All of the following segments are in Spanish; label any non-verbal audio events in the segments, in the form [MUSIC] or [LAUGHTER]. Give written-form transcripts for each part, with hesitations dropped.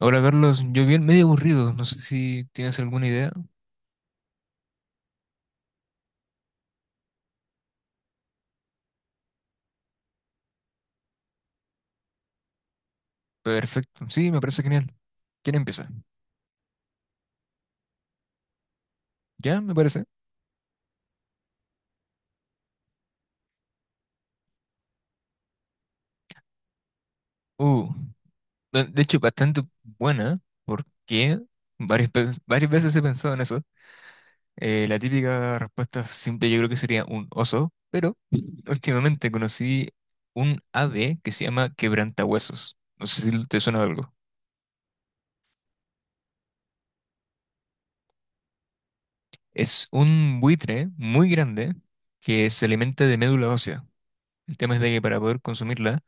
Hola Carlos, yo bien medio aburrido, no sé si tienes alguna idea. Perfecto, sí, me parece genial. ¿Quién empieza? ¿Ya? Me parece. Uh, de hecho, bastante buena, porque varias veces he pensado en eso. La típica respuesta simple yo creo que sería un oso, pero [LAUGHS] últimamente conocí un ave que se llama quebrantahuesos. No sé si te suena de algo. Es un buitre muy grande que se alimenta de médula ósea. El tema es de que para poder consumirla,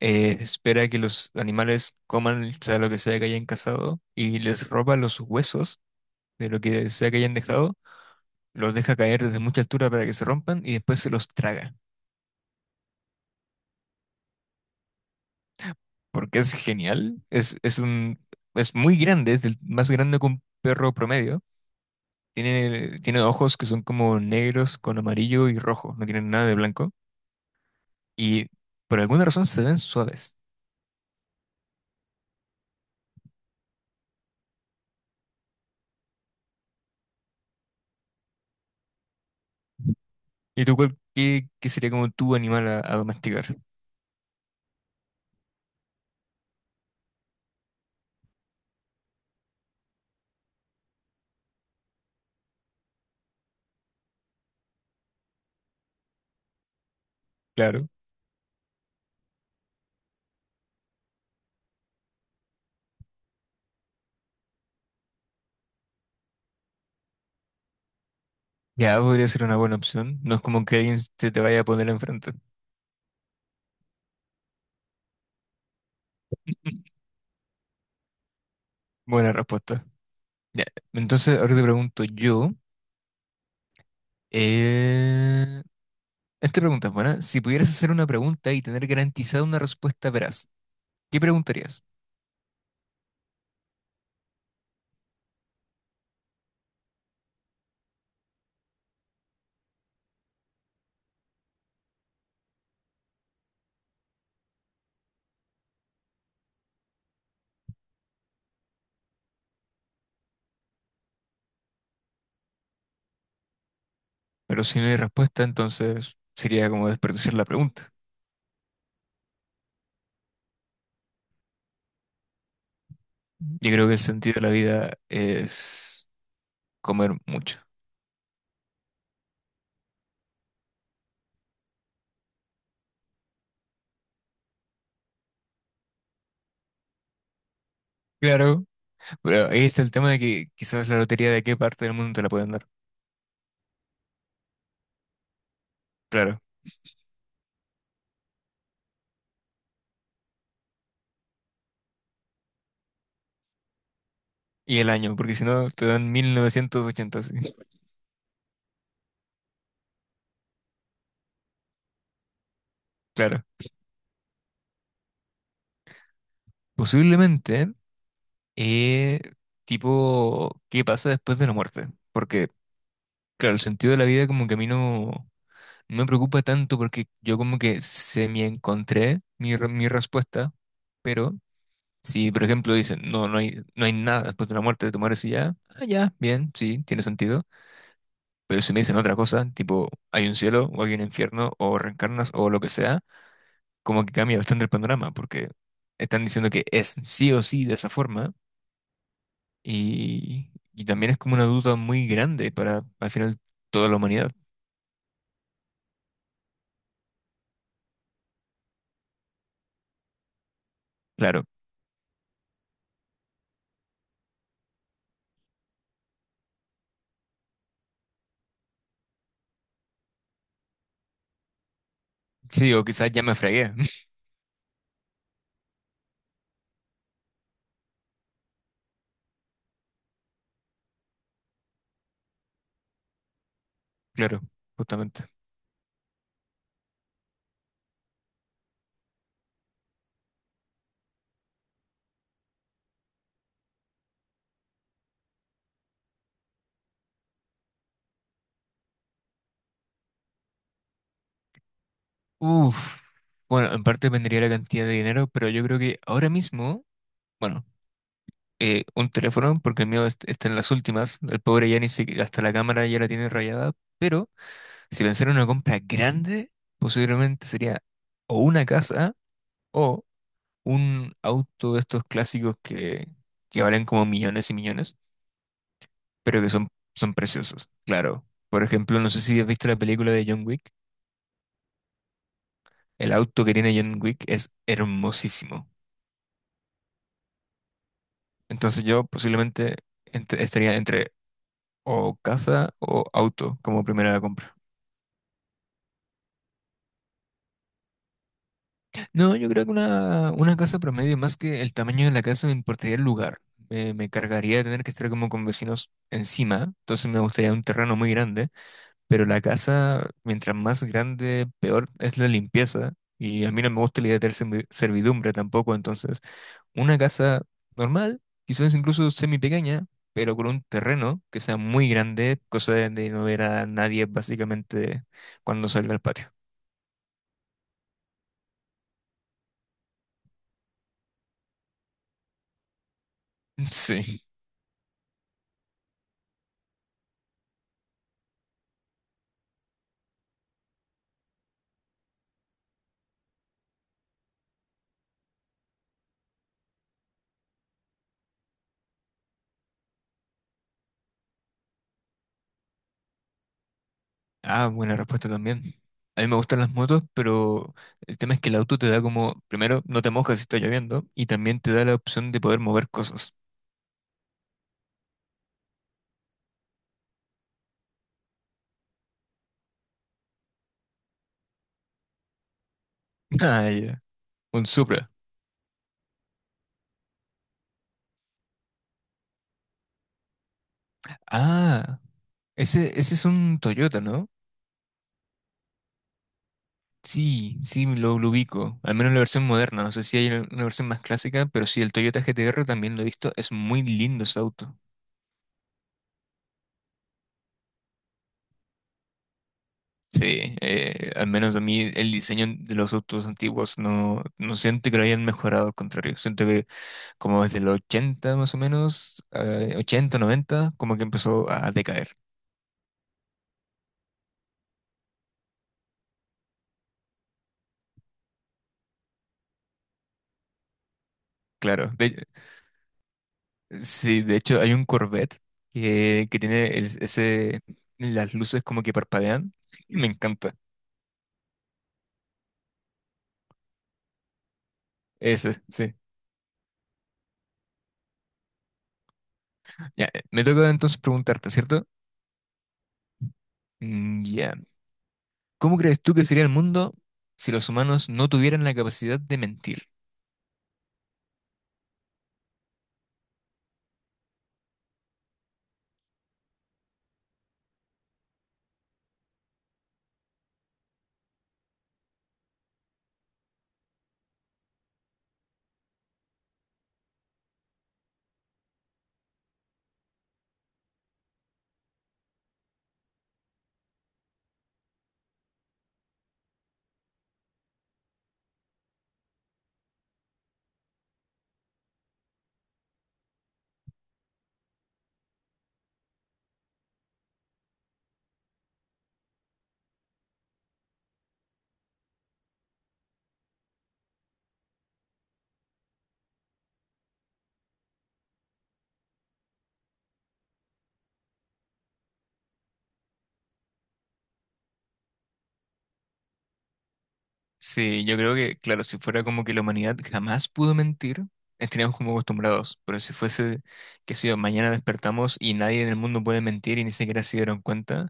espera que los animales coman, o sea lo que sea que hayan cazado, y les roba los huesos de lo que sea que hayan dejado, los deja caer desde mucha altura para que se rompan y después se los traga. Porque es genial, es muy grande, es el más grande que un perro promedio. Tiene ojos que son como negros con amarillo y rojo, no tienen nada de blanco. Y por alguna razón se ven suaves. ¿Y tú cuál, qué sería como tu animal a domesticar? Claro. Ya podría ser una buena opción. No es como que alguien se te vaya a poner enfrente. [LAUGHS] Buena respuesta. Ya, entonces ahora te pregunto yo. eh, Esta pregunta es buena. Si pudieras hacer una pregunta y tener garantizada una respuesta veraz, ¿qué preguntarías? Pero si no hay respuesta, entonces sería como desperdiciar la pregunta. Yo creo que el sentido de la vida es comer mucho. Claro, pero ahí está el tema de que quizás la lotería de qué parte del mundo te la pueden dar. Claro. Y el año, porque si no te dan 1980. Claro. Posiblemente, eh, tipo, ¿qué pasa después de la muerte? Porque, claro, el sentido de la vida como que a mí no me preocupa tanto porque yo como que se me encontré mi respuesta, pero si, por ejemplo, dicen, no, no hay nada después de la muerte, de tu mueres y ya, ah, ya, bien, sí, tiene sentido. Pero si me dicen otra cosa, tipo, hay un cielo o hay un infierno o reencarnas o lo que sea, como que cambia bastante el panorama porque están diciendo que es sí o sí de esa forma. Y también es como una duda muy grande para al final toda la humanidad. Claro. Sí, o quizás ya me fregué. [LAUGHS] Claro, justamente. Uf. Bueno, en parte dependería la cantidad de dinero, pero yo creo que ahora mismo, bueno, un teléfono, porque el mío está en las últimas. El pobre ya ni siquiera, hasta la cámara ya la tiene rayada. Pero si pensara en una compra grande, posiblemente sería o una casa o un auto de estos clásicos que valen como millones y millones. Pero que son, son preciosos, claro. Por ejemplo, no sé si has visto la película de John Wick. El auto que tiene John Wick es hermosísimo. Entonces yo posiblemente estaría entre o casa o auto como primera compra. No, yo creo que una casa promedio, más que el tamaño de la casa, me importaría el lugar. Me cargaría de tener que estar como con vecinos encima. Entonces me gustaría un terreno muy grande. Pero la casa, mientras más grande, peor es la limpieza. Y a mí no me gusta la idea de tener servidumbre tampoco. Entonces, una casa normal, quizás incluso semi pequeña, pero con un terreno que sea muy grande, cosa de no ver a nadie básicamente cuando salga al patio. [LAUGHS] Sí. Ah, buena respuesta también. A mí me gustan las motos, pero el tema es que el auto te da como, primero, no te mojas si está lloviendo, y también te da la opción de poder mover cosas. [LAUGHS] Ah, ya. Un Supra. Ah, ese es un Toyota, ¿no? Sí, sí, lo ubico. Al menos la versión moderna. No sé si hay una versión más clásica, pero sí, el Toyota GTR también lo he visto. Es muy lindo ese auto. Sí, al menos a mí el diseño de los autos antiguos no siento que lo hayan mejorado, al contrario. Siento que como desde los 80 más o menos, 80, 90, como que empezó a decaer. Claro. Sí, de hecho hay un Corvette que tiene ese, las luces como que parpadean. Y me encanta. Ese, sí. Ya, me toca entonces preguntarte, ¿cierto? Ya. ¿Cómo crees tú que sería el mundo si los humanos no tuvieran la capacidad de mentir? Sí, yo creo que, claro, si fuera como que la humanidad jamás pudo mentir, estaríamos como acostumbrados. Pero si fuese, qué sé yo, mañana despertamos y nadie en el mundo puede mentir y ni siquiera se dieron cuenta,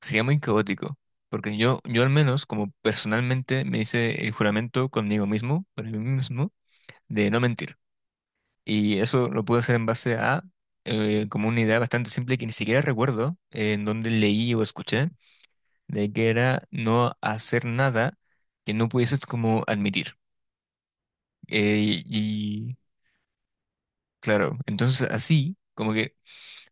sería muy caótico. Porque yo al menos, como personalmente, me hice el juramento conmigo mismo, para mí mismo, de no mentir. Y eso lo pude hacer en base a como una idea bastante simple que ni siquiera recuerdo en dónde leí o escuché, de que era no hacer nada que no pudieses como admitir. Y claro, entonces así, como que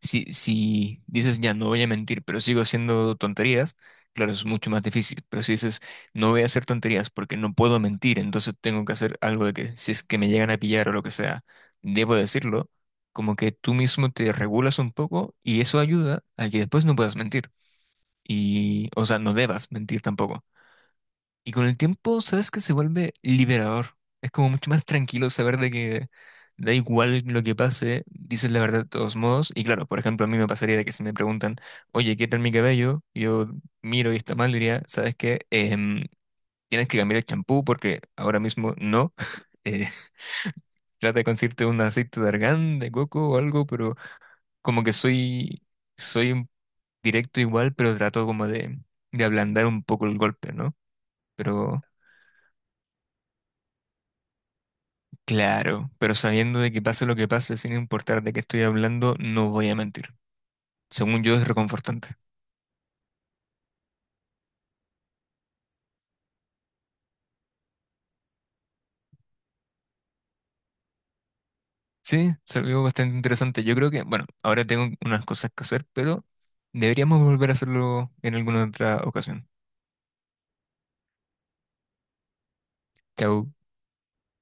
si, si dices, ya no voy a mentir, pero sigo haciendo tonterías, claro, es mucho más difícil. Pero si dices, no voy a hacer tonterías porque no puedo mentir, entonces tengo que hacer algo de que, si es que me llegan a pillar o lo que sea, debo decirlo, como que tú mismo te regulas un poco y eso ayuda a que después no puedas mentir. Y, o sea, no debas mentir tampoco. Y con el tiempo, sabes que se vuelve liberador. Es como mucho más tranquilo saber de que da igual lo que pase, dices la verdad de todos modos. Y claro, por ejemplo, a mí me pasaría de que si me preguntan, oye, ¿qué tal mi cabello? Yo miro y está mal, diría, ¿sabes qué? Tienes que cambiar el champú porque ahora mismo no. [LAUGHS] Eh, trata de conseguirte un aceite de argán, de coco o algo, pero como que soy directo igual, pero trato como de ablandar un poco el golpe, ¿no? Pero... Claro, pero sabiendo de que pase lo que pase, sin importar de qué estoy hablando, no voy a mentir. Según yo, es reconfortante. Sí, es algo bastante interesante. Yo creo que, bueno, ahora tengo unas cosas que hacer, pero deberíamos volver a hacerlo en alguna otra ocasión. Chao.